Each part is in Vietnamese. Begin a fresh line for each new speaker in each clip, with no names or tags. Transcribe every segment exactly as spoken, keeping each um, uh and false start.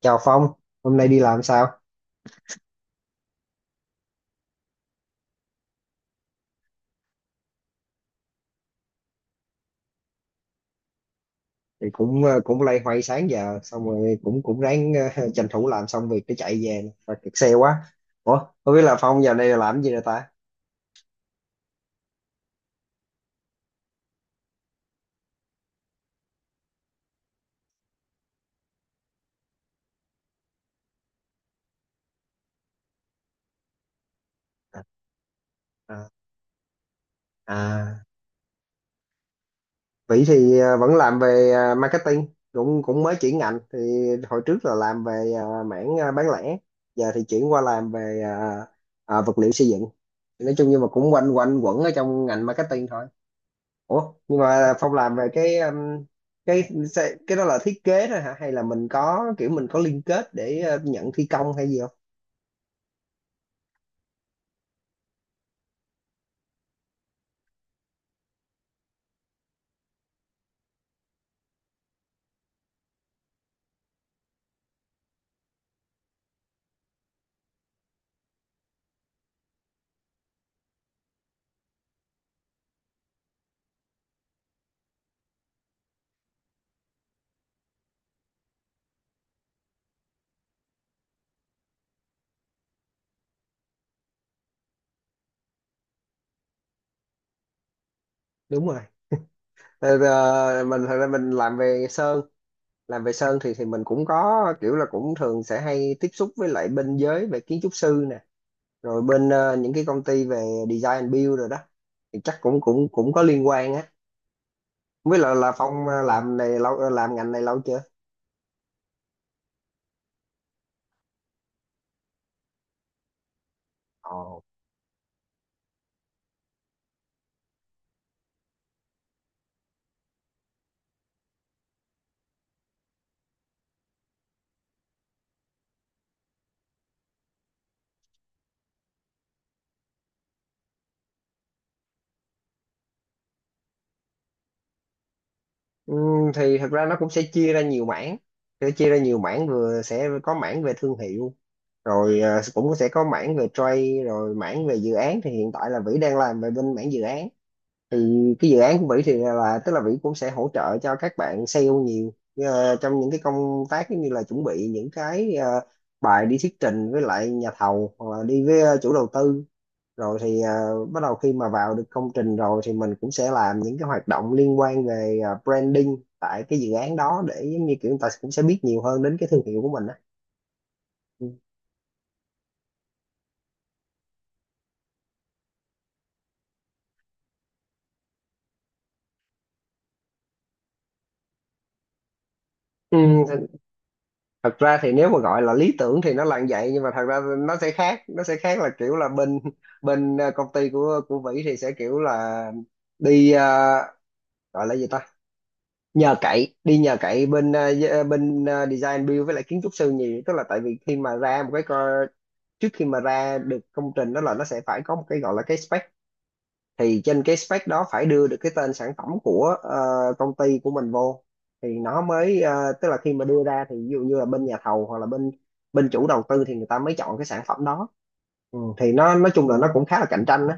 Chào Phong, hôm nay đi làm sao? Thì cũng ờ, cũng loay hoay sáng giờ xong rồi cũng cũng ráng ờ, tranh thủ làm xong việc để chạy về nè. Và kẹt xe quá. Ủa, không biết là Phong giờ này là làm gì rồi ta? À, à, à. Vĩ thì ờ, vẫn làm về ờ, marketing, cũng cũng mới chuyển ngành thì hồi trước là làm về ờ, mảng ờ, bán lẻ, giờ thì chuyển qua làm về ờ, ờ, vật liệu xây dựng. Nói chung nhưng mà cũng quanh quanh quẩn ở trong ngành marketing thôi. Ủa, nhưng mà Phong làm về cái um, cái sẽ- cái đó là thiết kế thôi hả? Hay là mình có kiểu mình có liên kết để uh, nhận thi công hay gì không? Đúng rồi. Ờ, ờ, mình thật ra mình làm về sơn, làm về sơn thì thì mình cũng có kiểu là cũng thường sẽ hay tiếp xúc với lại bên giới về kiến trúc sư nè, rồi bên ờ, những cái công ty về design and build rồi đó. Thì chắc cũng cũng cũng có liên quan á. Với lại là Phong ờ, làm này lâu ờ, làm ngành này lâu chưa? Ồ. Ừ, thì thật ra nó cũng sẽ chia ra nhiều mảng, sẽ chia ra nhiều mảng vừa sẽ có mảng về thương hiệu, rồi ờ, cũng sẽ có mảng về trade, rồi mảng về dự án. Thì hiện tại là Vĩ đang làm về bên mảng dự án, thì cái dự án của Vĩ thì là tức là Vĩ cũng sẽ hỗ trợ cho các bạn sale nhiều. Ờ, trong những cái công tác giống như là chuẩn bị những cái ờ, bài đi thuyết trình với lại nhà thầu hoặc là đi với ờ, chủ đầu tư, rồi thì à, bắt đầu khi mà vào được công trình rồi thì mình cũng sẽ làm những cái hoạt động liên quan về à, branding tại cái dự án đó, để giống như kiểu người ta cũng sẽ biết nhiều hơn đến cái thương hiệu của mình á. Ừ. Ừ, th- thật ra thì nếu mà gọi là lý tưởng thì nó là như vậy, nhưng mà thật ra nó sẽ khác. Nó sẽ khác là kiểu là bên bên à, công ty của của Vĩ thì sẽ kiểu là đi, à, gọi là gì ta, nhờ cậy, đi nhờ cậy bên à, d- à, bên à, design build với lại kiến trúc sư nhiều. Tức là tại vì khi mà ra một cái, trước khi mà ra được công trình đó là nó sẽ phải có một cái gọi là cái spec, thì trên cái spec đó phải đưa được cái tên sản phẩm của ờ, công ty của mình vô thì nó mới ờ, tức là khi mà đưa ra thì ví dụ như là bên nhà thầu hoặc là bên bên chủ đầu tư thì người ta mới chọn cái sản phẩm đó. Ừ. Thì nó nói chung là nó cũng khá là cạnh tranh đó.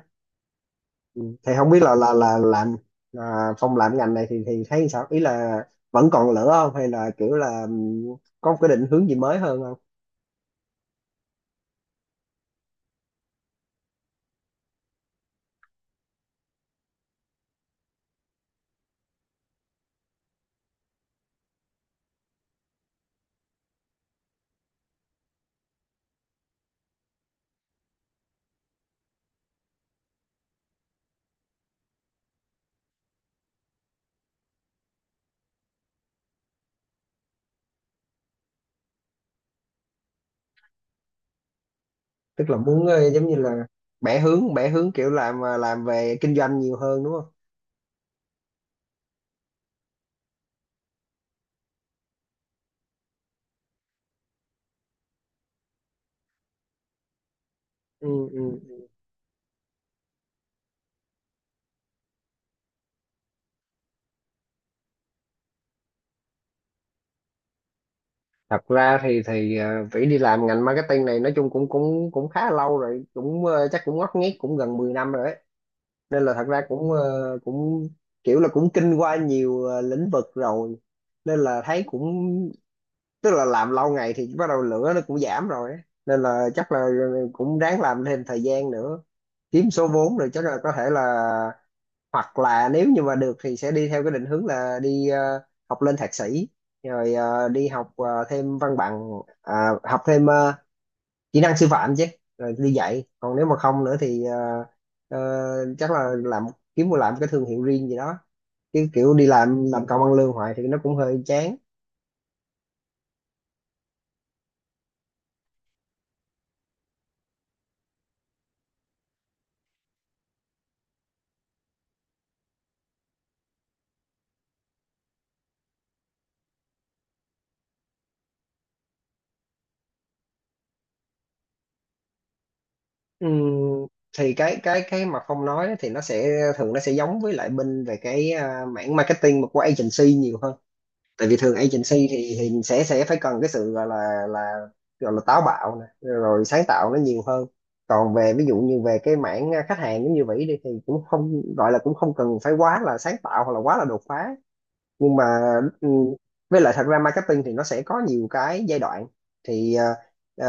Ừ. Thì không biết là là là làm, à, Phong làm ngành này thì thì thấy sao, ý là vẫn còn lửa không hay là kiểu là, ừ, có một cái định hướng gì mới hơn không? Tức là muốn ờ, giống như là bẻ hướng bẻ hướng kiểu làm ờ, làm về kinh doanh nhiều hơn đúng không? Ừ, ừ. Thật ra thì thì ờ, Vĩ đi làm ngành marketing này nói chung cũng cũng cũng khá lâu rồi, cũng ờ, chắc cũng ngót nghét cũng gần mười năm rồi đấy. Nên là thật ra cũng ờ, cũng kiểu là cũng kinh qua nhiều ờ, lĩnh vực rồi, nên là thấy cũng, tức là làm lâu ngày thì bắt đầu lửa nó cũng giảm rồi ấy. Nên là chắc là à, cũng ráng làm thêm thời gian nữa, kiếm số vốn rồi chắc là có thể là, hoặc là nếu như mà được thì sẽ đi theo cái định hướng là đi ờ, học lên thạc sĩ, rồi ờ, đi học ờ, thêm văn bằng, à, học thêm ờ, kỹ năng sư phạm chứ, rồi đi dạy. Còn nếu mà không nữa thì ờ, ờ, chắc là làm, kiếm một làm cái thương hiệu riêng gì đó, chứ kiểu đi làm làm công ăn lương hoài thì nó cũng hơi chán. Ừm, thì cái cái cái mà Phong nói thì nó sẽ thường nó sẽ giống với lại bên về cái ờ, mảng marketing mà của agency nhiều hơn. Tại vì thường agency thì thì sẽ sẽ phải cần cái sự gọi là là gọi là táo bạo nè, rồi sáng tạo nó nhiều hơn. Còn về ví dụ như về cái mảng à, khách hàng giống như vậy đi thì cũng không gọi là, cũng không cần phải quá là sáng tạo hoặc là quá là đột phá. Nhưng mà, ừ, với lại thật ra marketing thì nó sẽ có nhiều cái giai đoạn. Thì ờ, ờ,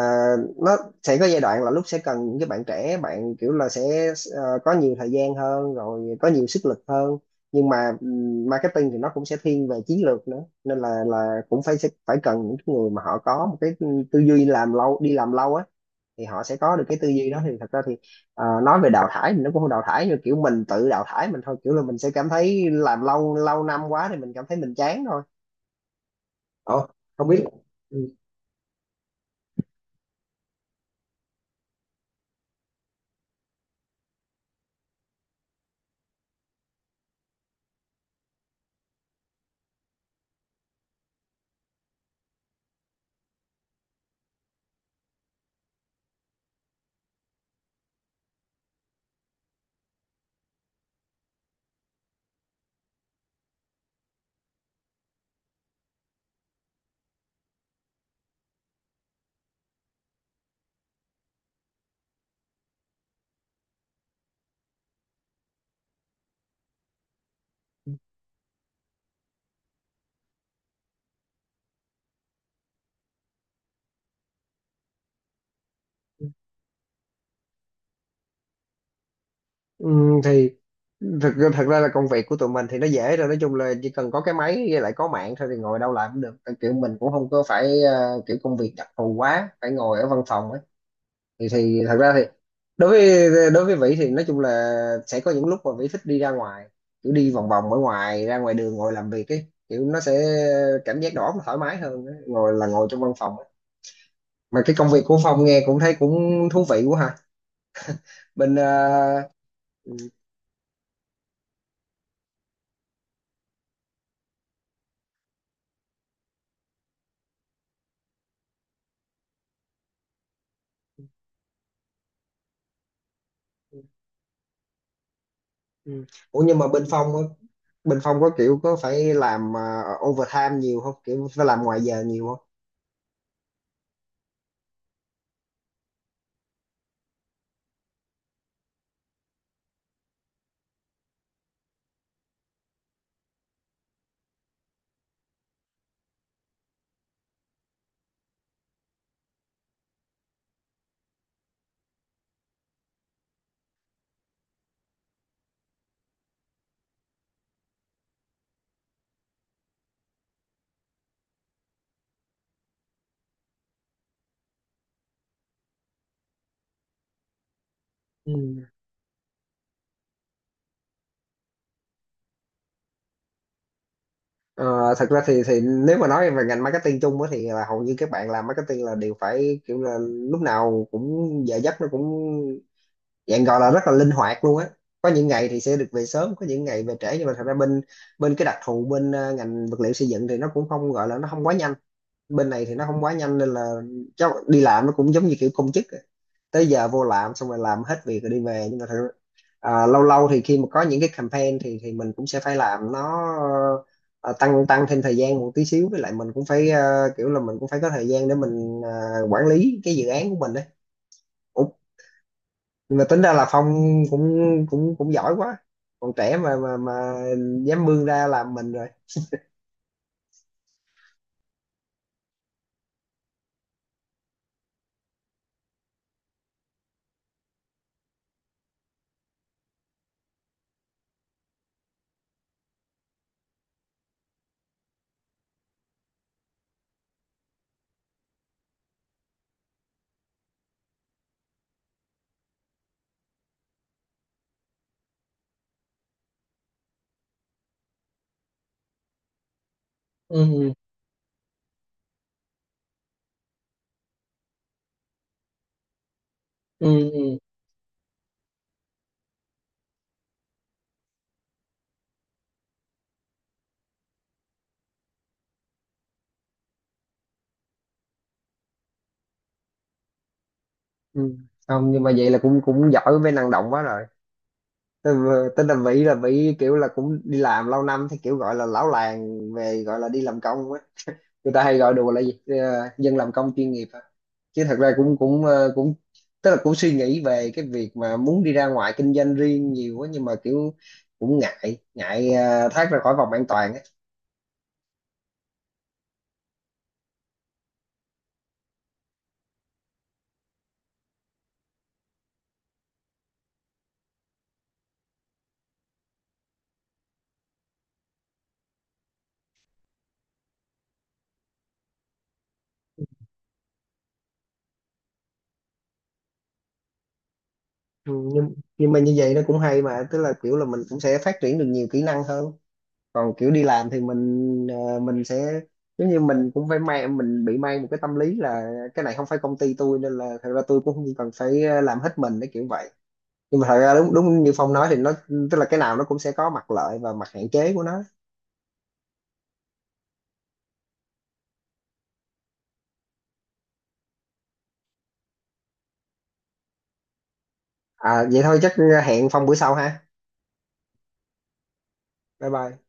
nó sẽ có giai đoạn là lúc sẽ cần những cái bạn trẻ, bạn kiểu là sẽ ờ, có nhiều thời gian hơn rồi có nhiều sức lực hơn. Nhưng mà, ừ, marketing thì nó cũng sẽ thiên về chiến lược nữa, nên là là cũng phải, phải cần những cái người mà họ có một cái tư duy làm lâu, đi làm lâu á, thì họ sẽ có được cái tư duy đó. Thì thật ra thì ờ, nói về đào thải thì nó cũng không đào thải như kiểu mình tự đào thải mình thôi, kiểu là mình sẽ cảm thấy làm lâu lâu năm quá thì mình cảm thấy mình chán thôi. Ồ, không biết. Ừ. Ừ, thì thật, thật ra là công việc của tụi mình thì nó dễ rồi, nói chung là chỉ cần có cái máy với lại có mạng thôi thì ngồi đâu làm cũng được. Kiểu mình cũng không có phải ờ, kiểu công việc đặc thù quá phải ngồi ở văn phòng. Thì thì thật ra thì đối với đối với Vĩ thì nói chung là sẽ có những lúc mà Vĩ thích đi ra ngoài, kiểu đi vòng vòng ở ngoài, ra ngoài đường ngồi làm việc ấy, kiểu nó sẽ cảm giác đầu óc nó thoải mái hơn á, ngồi là ngồi trong văn phòng á. Mà cái công việc của Phong nghe cũng thấy cũng thú vị quá ha. Bên ờ, ừ, ừ. Ủa nhưng mà bên Phong á, bên Phong có kiểu có phải làm ờ, overtime nhiều không, kiểu phải làm ngoài giờ nhiều không? Ừ. Ờ, thật ra thì thì nếu mà nói về ngành marketing chung á thì là hầu như các bạn làm marketing là đều phải kiểu là lúc nào cũng giờ giấc nó cũng dạng gọi là rất là linh hoạt luôn á. Có những ngày thì sẽ được về sớm, có những ngày về trễ. Nhưng mà thật ra bên bên cái đặc thù bên ờ, ngành vật liệu xây dựng thì nó cũng không gọi là, nó không quá nhanh. Bên này thì nó không quá nhanh nên là cháu đi làm nó cũng giống như kiểu công chức, tới giờ vô làm xong rồi làm hết việc rồi đi về. Nhưng mà thật, à, lâu lâu thì khi mà có những cái campaign thì thì mình cũng sẽ phải làm nó ờ, tăng tăng thêm thời gian một tí xíu. Với lại mình cũng phải ờ, kiểu là mình cũng phải có thời gian để mình ờ, quản lý cái dự án của mình đấy. Ủa, nhưng mà tính ra là Phong cũng cũng cũng giỏi quá, còn trẻ mà mà mà dám bươn ra làm mình rồi. Ừ, ừ, ừ. Ừ. Ừ. Không, nhưng mà vậy là cũng cũng giỏi với năng động quá rồi. Tên là Vĩ là Vĩ kiểu là cũng đi làm lâu năm thì kiểu gọi là lão làng về, gọi là đi làm công á, người ta hay gọi đùa là gì. Ờ, dân làm công chuyên nghiệp á. Chứ thật ra cũng cũng ờ, cũng tức là cũng suy nghĩ về cái việc mà muốn đi ra ngoài kinh doanh riêng nhiều quá, nhưng mà kiểu cũng ngại ngại ờ, thoát ra khỏi vòng an toàn á. Ừ, nhưng nhưng mà như vậy nó cũng hay mà, tức là kiểu là mình cũng sẽ phát triển được nhiều kỹ năng hơn. Còn kiểu đi làm thì mình ờ, mình sẽ giống như mình cũng phải mang, mình bị mang một cái tâm lý là cái này không phải công ty tôi, nên là thật ra tôi cũng không cần phải ờ, làm hết mình để kiểu vậy. Nhưng mà thật ra đúng đúng như Phong nói thì nó tức là cái nào nó cũng sẽ có mặt lợi và mặt hạn chế của nó. À vậy thôi, chắc hẹn Phong bữa sau ha. Bye bye.